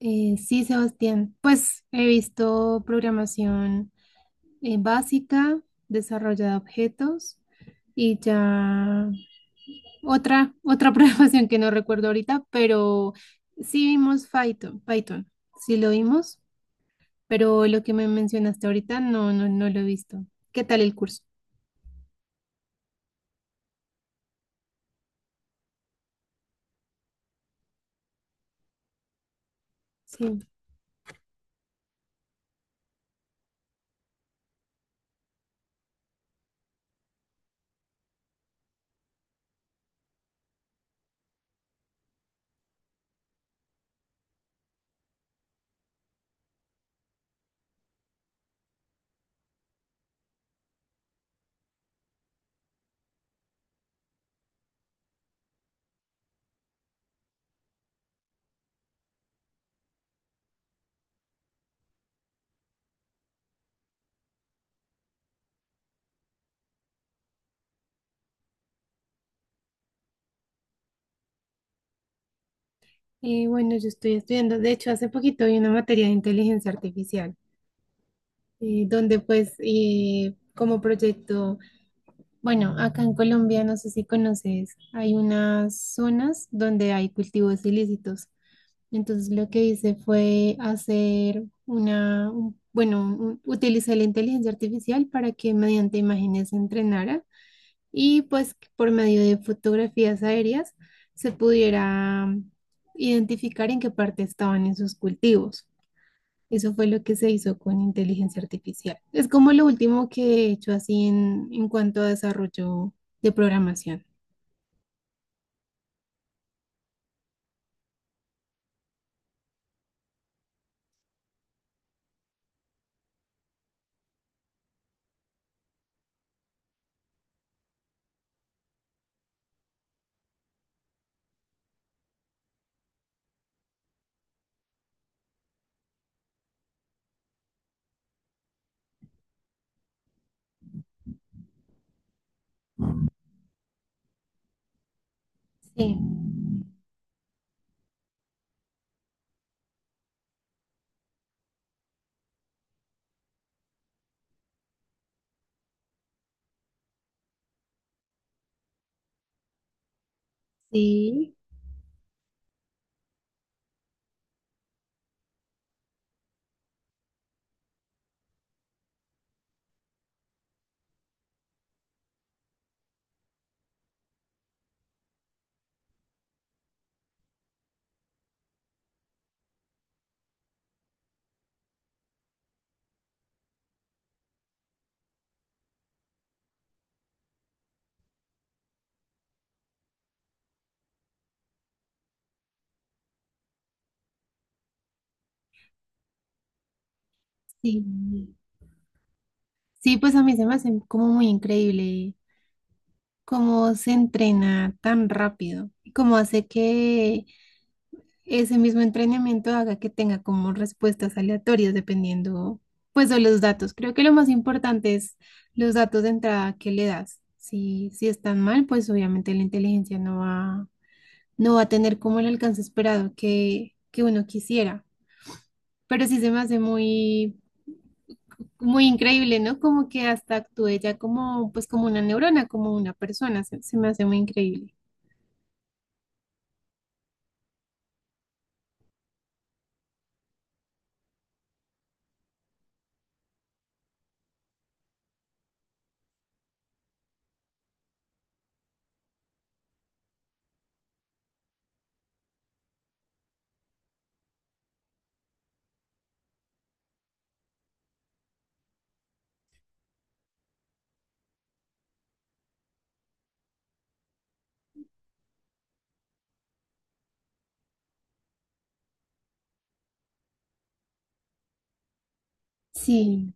Sí, Sebastián. Pues he visto programación básica, desarrollo de objetos y ya otra programación que no recuerdo ahorita, pero sí vimos Python, sí lo vimos, pero lo que me mencionaste ahorita no, no, no lo he visto. ¿Qué tal el curso? Sí. Bueno, yo estoy estudiando, de hecho, hace poquito vi una materia de inteligencia artificial, donde pues como proyecto... Bueno, acá en Colombia, no sé si conoces, hay unas zonas donde hay cultivos ilícitos. Entonces lo que hice fue hacer bueno, utilicé la inteligencia artificial para que mediante imágenes se entrenara y pues que por medio de fotografías aéreas se pudiera identificar en qué parte estaban esos cultivos. Eso fue lo que se hizo con inteligencia artificial. Es como lo último que he hecho así en, cuanto a desarrollo de programación. Sí, sí, sí. Sí, pues a mí se me hace como muy increíble cómo se entrena tan rápido y cómo hace que ese mismo entrenamiento haga que tenga como respuestas aleatorias dependiendo pues de los datos. Creo que lo más importante es los datos de entrada que le das. Si están mal, pues obviamente la inteligencia no va a tener como el alcance esperado que uno quisiera. Pero sí se me hace muy, muy increíble, ¿no? Como que hasta actúe ya como, pues como una neurona, como una persona, se me hace muy increíble. Sí,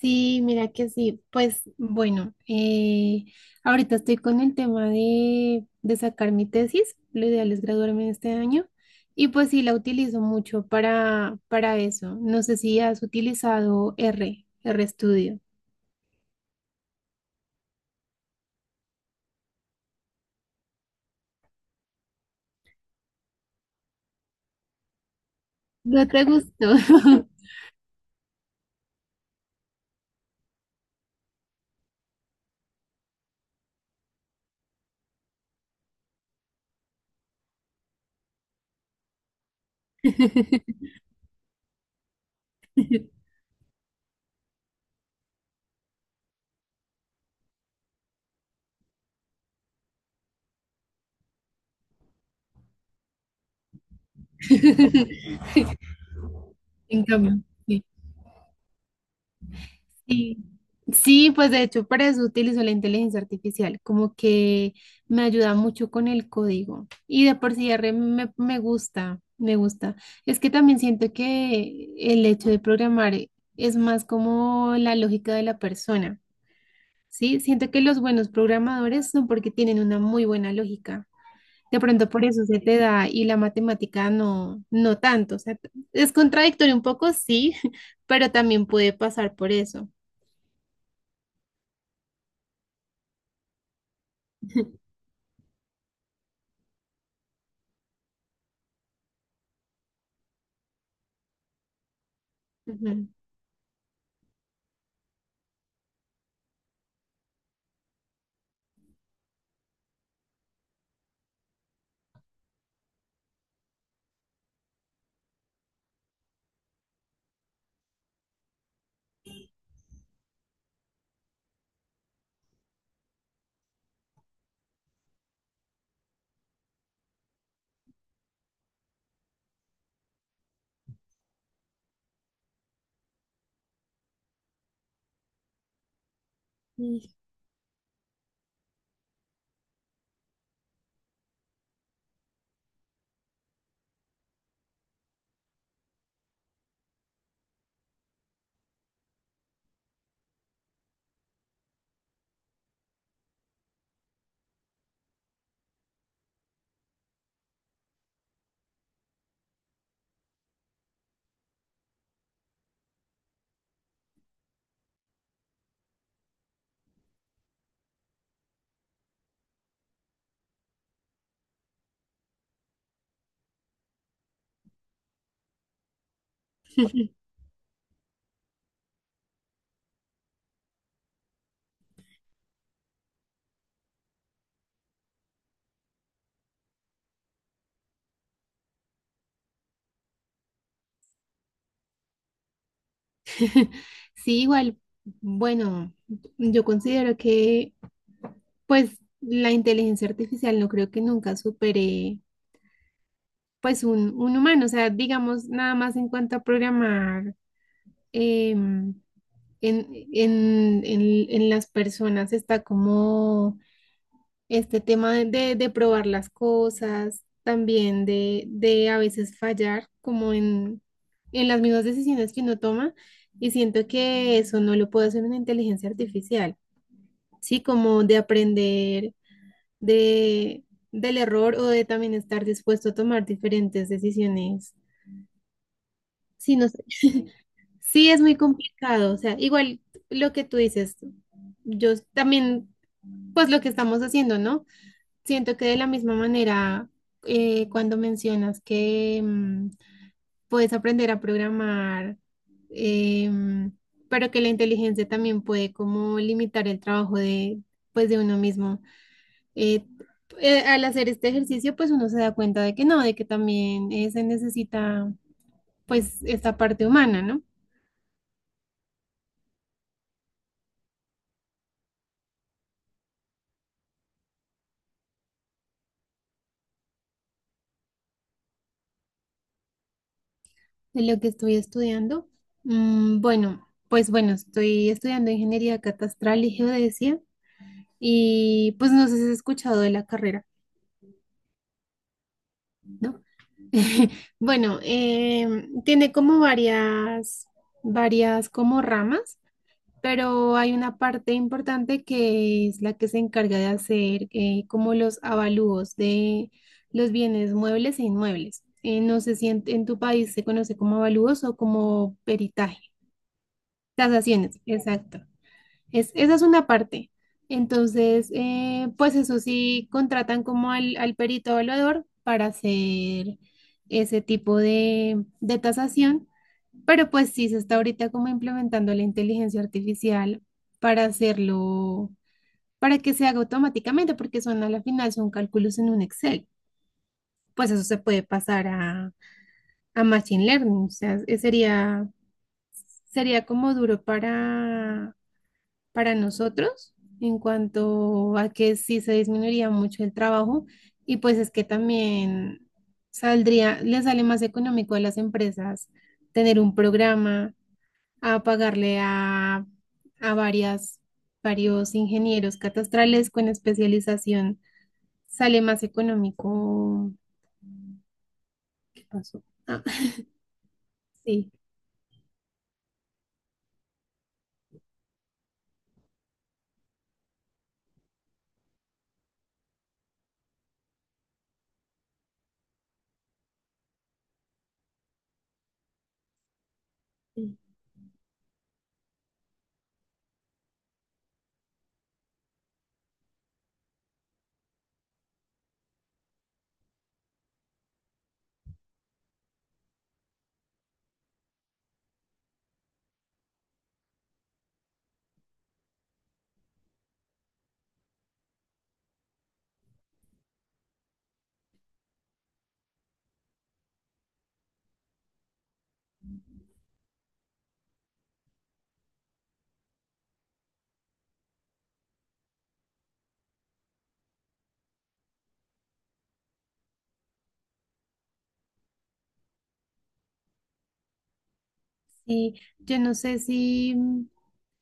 sí, mira que sí. Pues bueno, ahorita estoy con el tema de sacar mi tesis, lo ideal es graduarme este año. Y pues sí, la utilizo mucho para, eso. No sé si has utilizado R, RStudio. No te gustó. En cambio, sí. Sí, sí, pues de hecho para eso utilizo la inteligencia artificial, como que me ayuda mucho con el código y de por sí R me gusta, me gusta. Es que también siento que el hecho de programar es más como la lógica de la persona, ¿sí? Siento que los buenos programadores son porque tienen una muy buena lógica. De pronto por eso se te da y la matemática no, no tanto. O sea, es contradictorio un poco, sí, pero también puede pasar por eso. Ujú. Sí, sí, igual, bueno, yo considero que pues la inteligencia artificial no creo que nunca supere pues un, humano. O sea, digamos, nada más en cuanto a programar em, en, en las personas está como este tema de probar las cosas, también de a veces fallar como en las mismas decisiones que uno toma y siento que eso no lo puede hacer una inteligencia artificial, ¿sí? Como de aprender de, del error o de también estar dispuesto a tomar diferentes decisiones. Sí, no sé. Sí, es muy complicado, o sea, igual lo que tú dices, yo también, pues lo que estamos haciendo, ¿no? Siento que de la misma manera, cuando mencionas que puedes aprender a programar, em, pero que la inteligencia también puede como limitar el trabajo pues, de uno mismo. Eh, Al hacer este ejercicio, pues uno se da cuenta de que no, de que también se necesita, pues, esta parte humana, ¿no? De lo que estoy estudiando. Bueno, pues bueno, estoy estudiando ingeniería catastral y geodesia. Y pues no sé si has escuchado de la carrera, ¿no? Bueno, tiene como varias como ramas, pero hay una parte importante que es la que se encarga de hacer como los avalúos de los bienes muebles e inmuebles. No sé si en, tu país se conoce como avalúos o como peritaje, tasaciones, exacto. Esa es una parte. Entonces, pues eso sí, contratan como al perito evaluador para hacer ese tipo de tasación, pero pues sí se está ahorita como implementando la inteligencia artificial para hacerlo, para que se haga automáticamente, porque son a la final, son cálculos en un Excel. Pues eso se puede pasar a, Machine Learning, o sea, sería como duro para nosotros en cuanto a que sí se disminuiría mucho el trabajo y pues es que también saldría, le sale más económico a las empresas tener un programa a pagarle a varios ingenieros catastrales con especialización. Sale más económico. ¿Qué pasó? Ah, sí. Sí, yo no sé si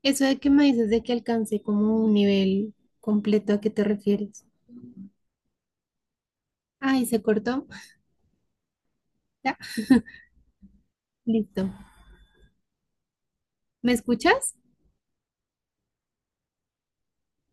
eso de que me dices de que alcancé como un nivel completo, ¿a qué te refieres? Ay, se cortó. Ya, listo. ¿Me escuchas?